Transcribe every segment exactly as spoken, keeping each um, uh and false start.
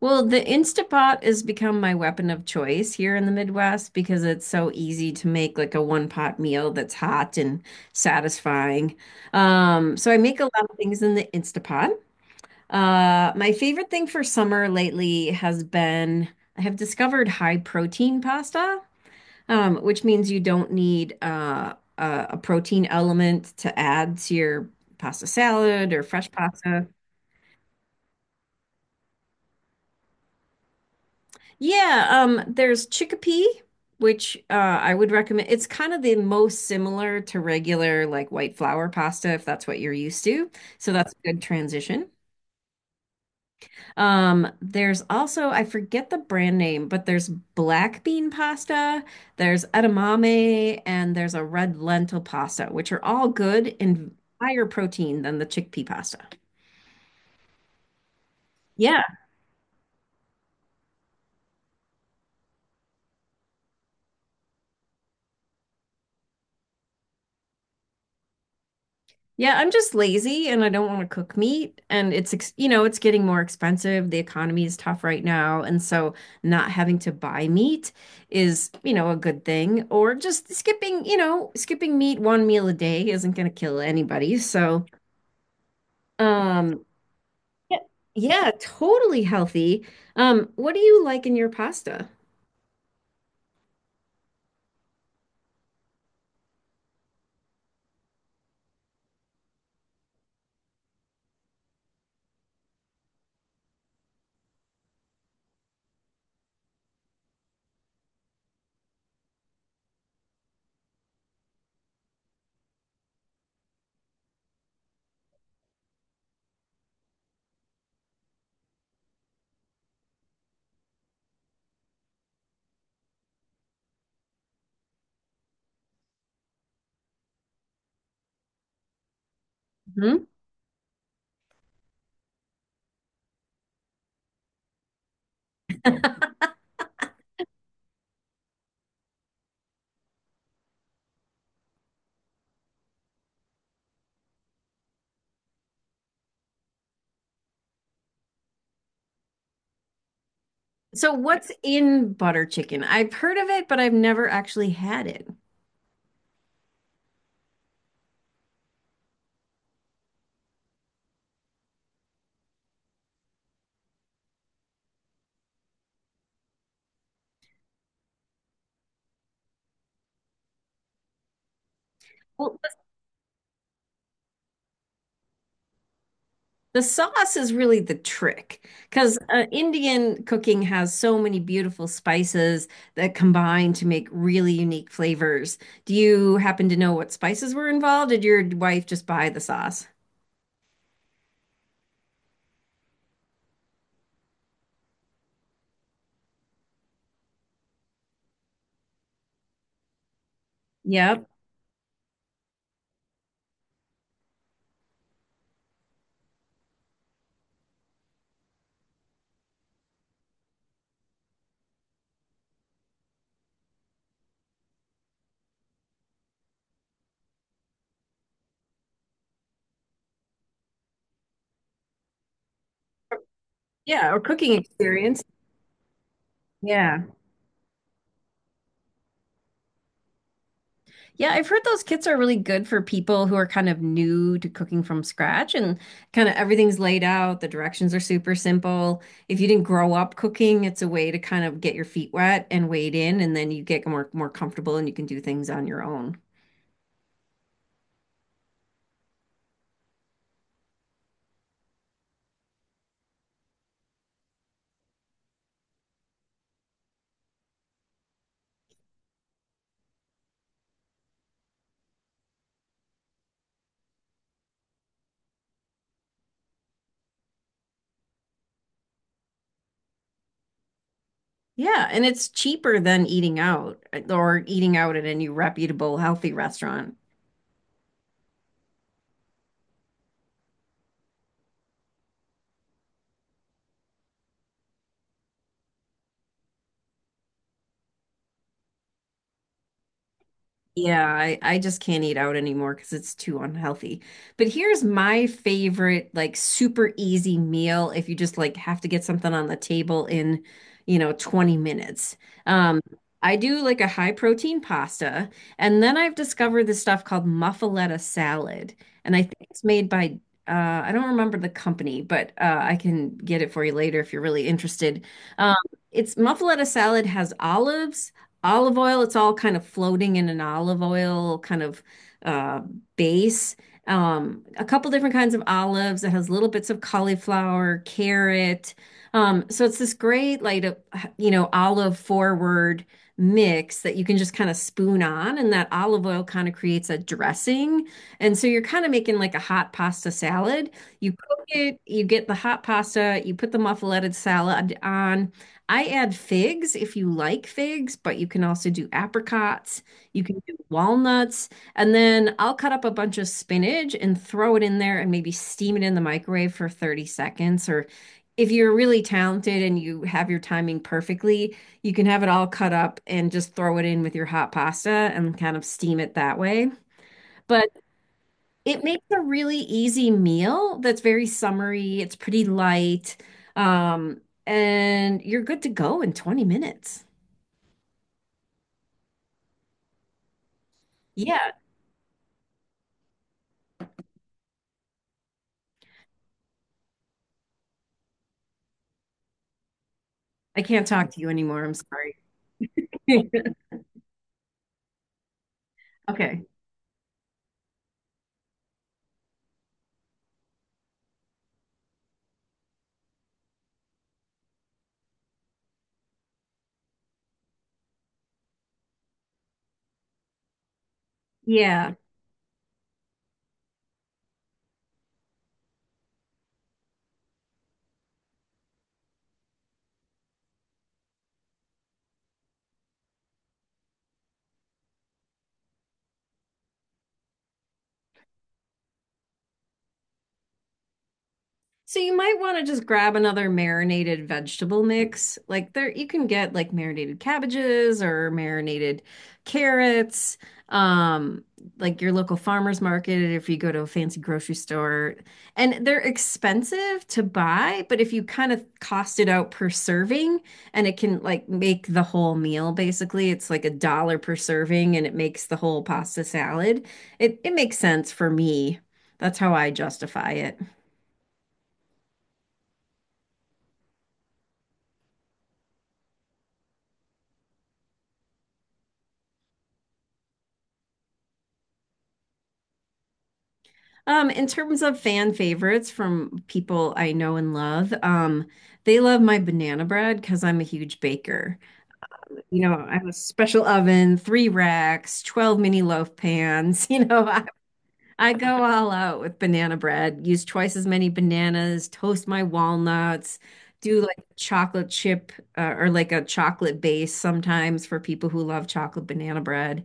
Well, the Instapot has become my weapon of choice here in the Midwest because it's so easy to make like a one pot meal that's hot and satisfying. Um, so I make a lot of things in the Instapot. Uh, my favorite thing for summer lately has been I have discovered high protein pasta, um, which means you don't need uh, a, a protein element to add to your pasta salad or fresh pasta. Yeah, um, there's chickpea, which uh, I would recommend. It's kind of the most similar to regular like white flour pasta if that's what you're used to. So that's a good transition. Um, there's also, I forget the brand name, but there's black bean pasta, there's edamame, and there's a red lentil pasta, which are all good and higher protein than the chickpea pasta. Yeah, yeah, I'm just lazy and I don't want to cook meat and it's ex you know, It's getting more expensive. The economy is tough right now, and so not having to buy meat is, you know, a good thing or just skipping, you know, skipping meat one meal a day isn't going to kill anybody. So, um yeah, yeah, totally healthy. Um what do you like in your pasta? Hmm. So what's in butter chicken? I've heard of it, but I've never actually had it. Well, the sauce is really the trick because uh, Indian cooking has so many beautiful spices that combine to make really unique flavors. Do you happen to know what spices were involved? Did your wife just buy the sauce? Yep. Yeah, or cooking experience. Yeah. Yeah, I've heard those kits are really good for people who are kind of new to cooking from scratch and kind of everything's laid out. The directions are super simple. If you didn't grow up cooking, it's a way to kind of get your feet wet and wade in, and then you get more more comfortable and you can do things on your own. Yeah, and it's cheaper than eating out or eating out at any reputable healthy restaurant. Yeah, I, I just can't eat out anymore because it's too unhealthy. But here's my favorite, like super easy meal if you just like have to get something on the table in, you know, twenty minutes. Um, I do like a high protein pasta, and then I've discovered this stuff called muffuletta salad. And I think it's made by uh, I don't remember the company, but uh, I can get it for you later if you're really interested. Um, it's muffuletta salad has olives olive oil. It's all kind of floating in an olive oil kind of uh, base. Um, a couple different kinds of olives. It has little bits of cauliflower, carrot. Um, so it's this great, like, uh, you know, olive forward mix that you can just kind of spoon on, and that olive oil kind of creates a dressing. And so you're kind of making like a hot pasta salad. You cook it, you get the hot pasta, you put the muffuleted salad on. I add figs if you like figs, but you can also do apricots. You can do walnuts. And then I'll cut up a bunch of spinach and throw it in there and maybe steam it in the microwave for thirty seconds. Or if you're really talented and you have your timing perfectly, you can have it all cut up and just throw it in with your hot pasta and kind of steam it that way. But it makes a really easy meal that's very summery. It's pretty light. Um, and you're good to go in twenty minutes. Yeah. I can't talk to you anymore. I'm sorry. Okay. Yeah. So you might want to just grab another marinated vegetable mix. Like there, you can get like marinated cabbages or marinated carrots. Um, like your local farmer's market, if you go to a fancy grocery store, and they're expensive to buy, but if you kind of cost it out per serving, and it can like make the whole meal basically, it's like a dollar per serving, and it makes the whole pasta salad. It it makes sense for me. That's how I justify it. Um, in terms of fan favorites from people I know and love, um, they love my banana bread because I'm a huge baker. You know, I have a special oven, three racks, twelve mini loaf pans. You know, I, I go all out with banana bread, use twice as many bananas, toast my walnuts, do like chocolate chip uh, or like a chocolate base sometimes for people who love chocolate banana bread.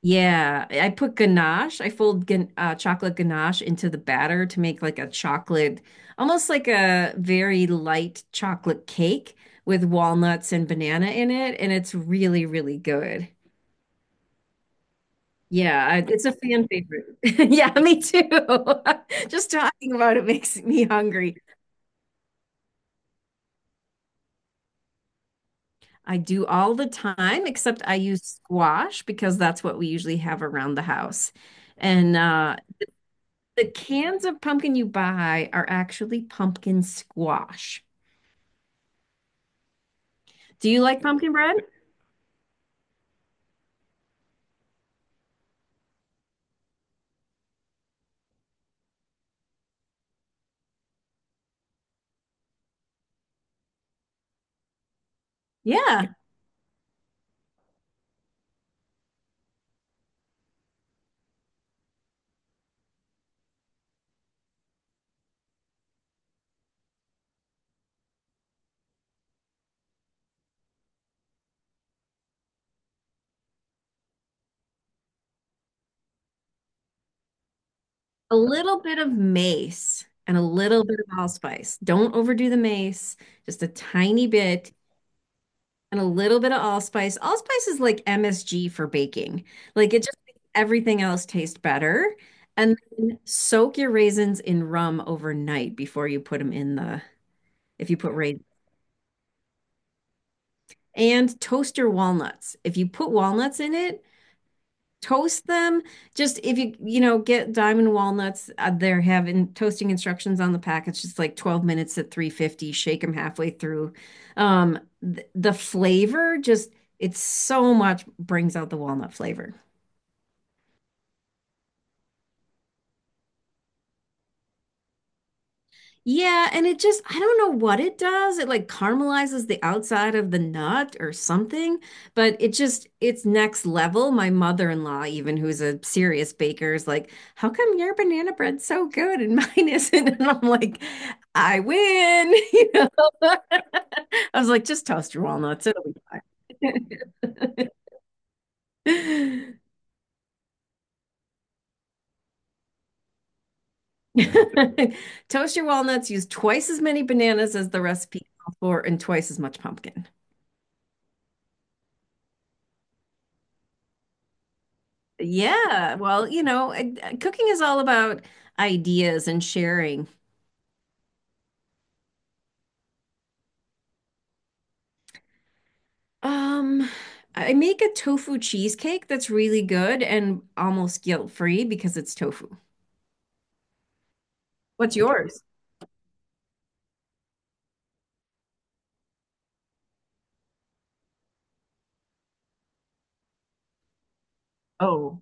Yeah, I put ganache. I fold gan uh, chocolate ganache into the batter to make like a chocolate, almost like a very light chocolate cake with walnuts and banana in it, and it's really, really good. Yeah, I, it's a fan favorite. Yeah, me too. Just talking about it makes me hungry. I do all the time, except I use squash because that's what we usually have around the house. And uh, The cans of pumpkin you buy are actually pumpkin squash. Do you like pumpkin bread? Yeah. A little bit of mace and a little bit of allspice. Don't overdo the mace, just a tiny bit and a little bit of allspice. Allspice is like M S G for baking. Like it just makes everything else taste better. And then soak your raisins in rum overnight before you put them in the, if you put raisins. And toast your walnuts. If you put walnuts in it, toast them. Just if you, you know, get diamond walnuts, uh, they're having toasting instructions on the packets. Just like twelve minutes at three fifty, shake them halfway through. Um, th- the flavor just, it's so much brings out the walnut flavor. Yeah, and it just, I don't know what it does. It like caramelizes the outside of the nut or something, but it just, it's next level. My mother-in-law, even who's a serious baker, is like, How come your banana bread's so good and mine isn't? And I'm like, I win. You know? I was like, just toast your walnuts. It'll be fine. Toast your walnuts, use twice as many bananas as the recipe called for and twice as much pumpkin. Yeah, well, you know, I- I- cooking is all about ideas and sharing. Um, I make a tofu cheesecake that's really good and almost guilt-free because it's tofu. What's yours? Oh,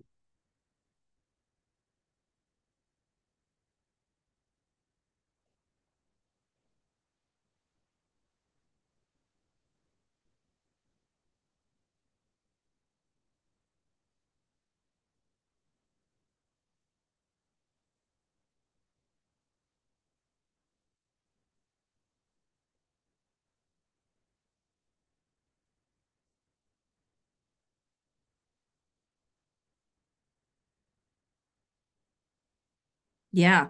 yeah.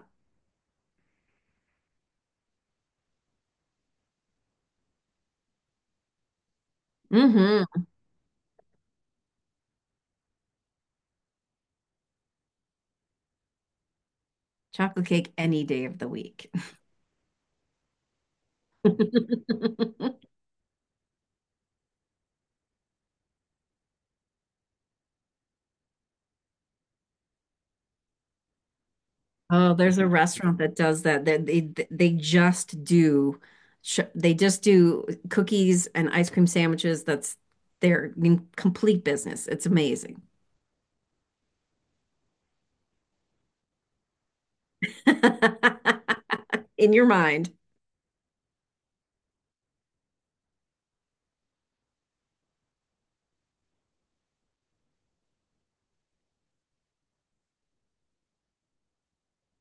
Mm-hmm. Chocolate cake any day of the week. Oh, there's a restaurant that does that. That they they they just do, sh- they just do cookies and ice cream sandwiches. That's their I mean, complete business. It's amazing. In your mind.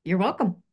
You're welcome.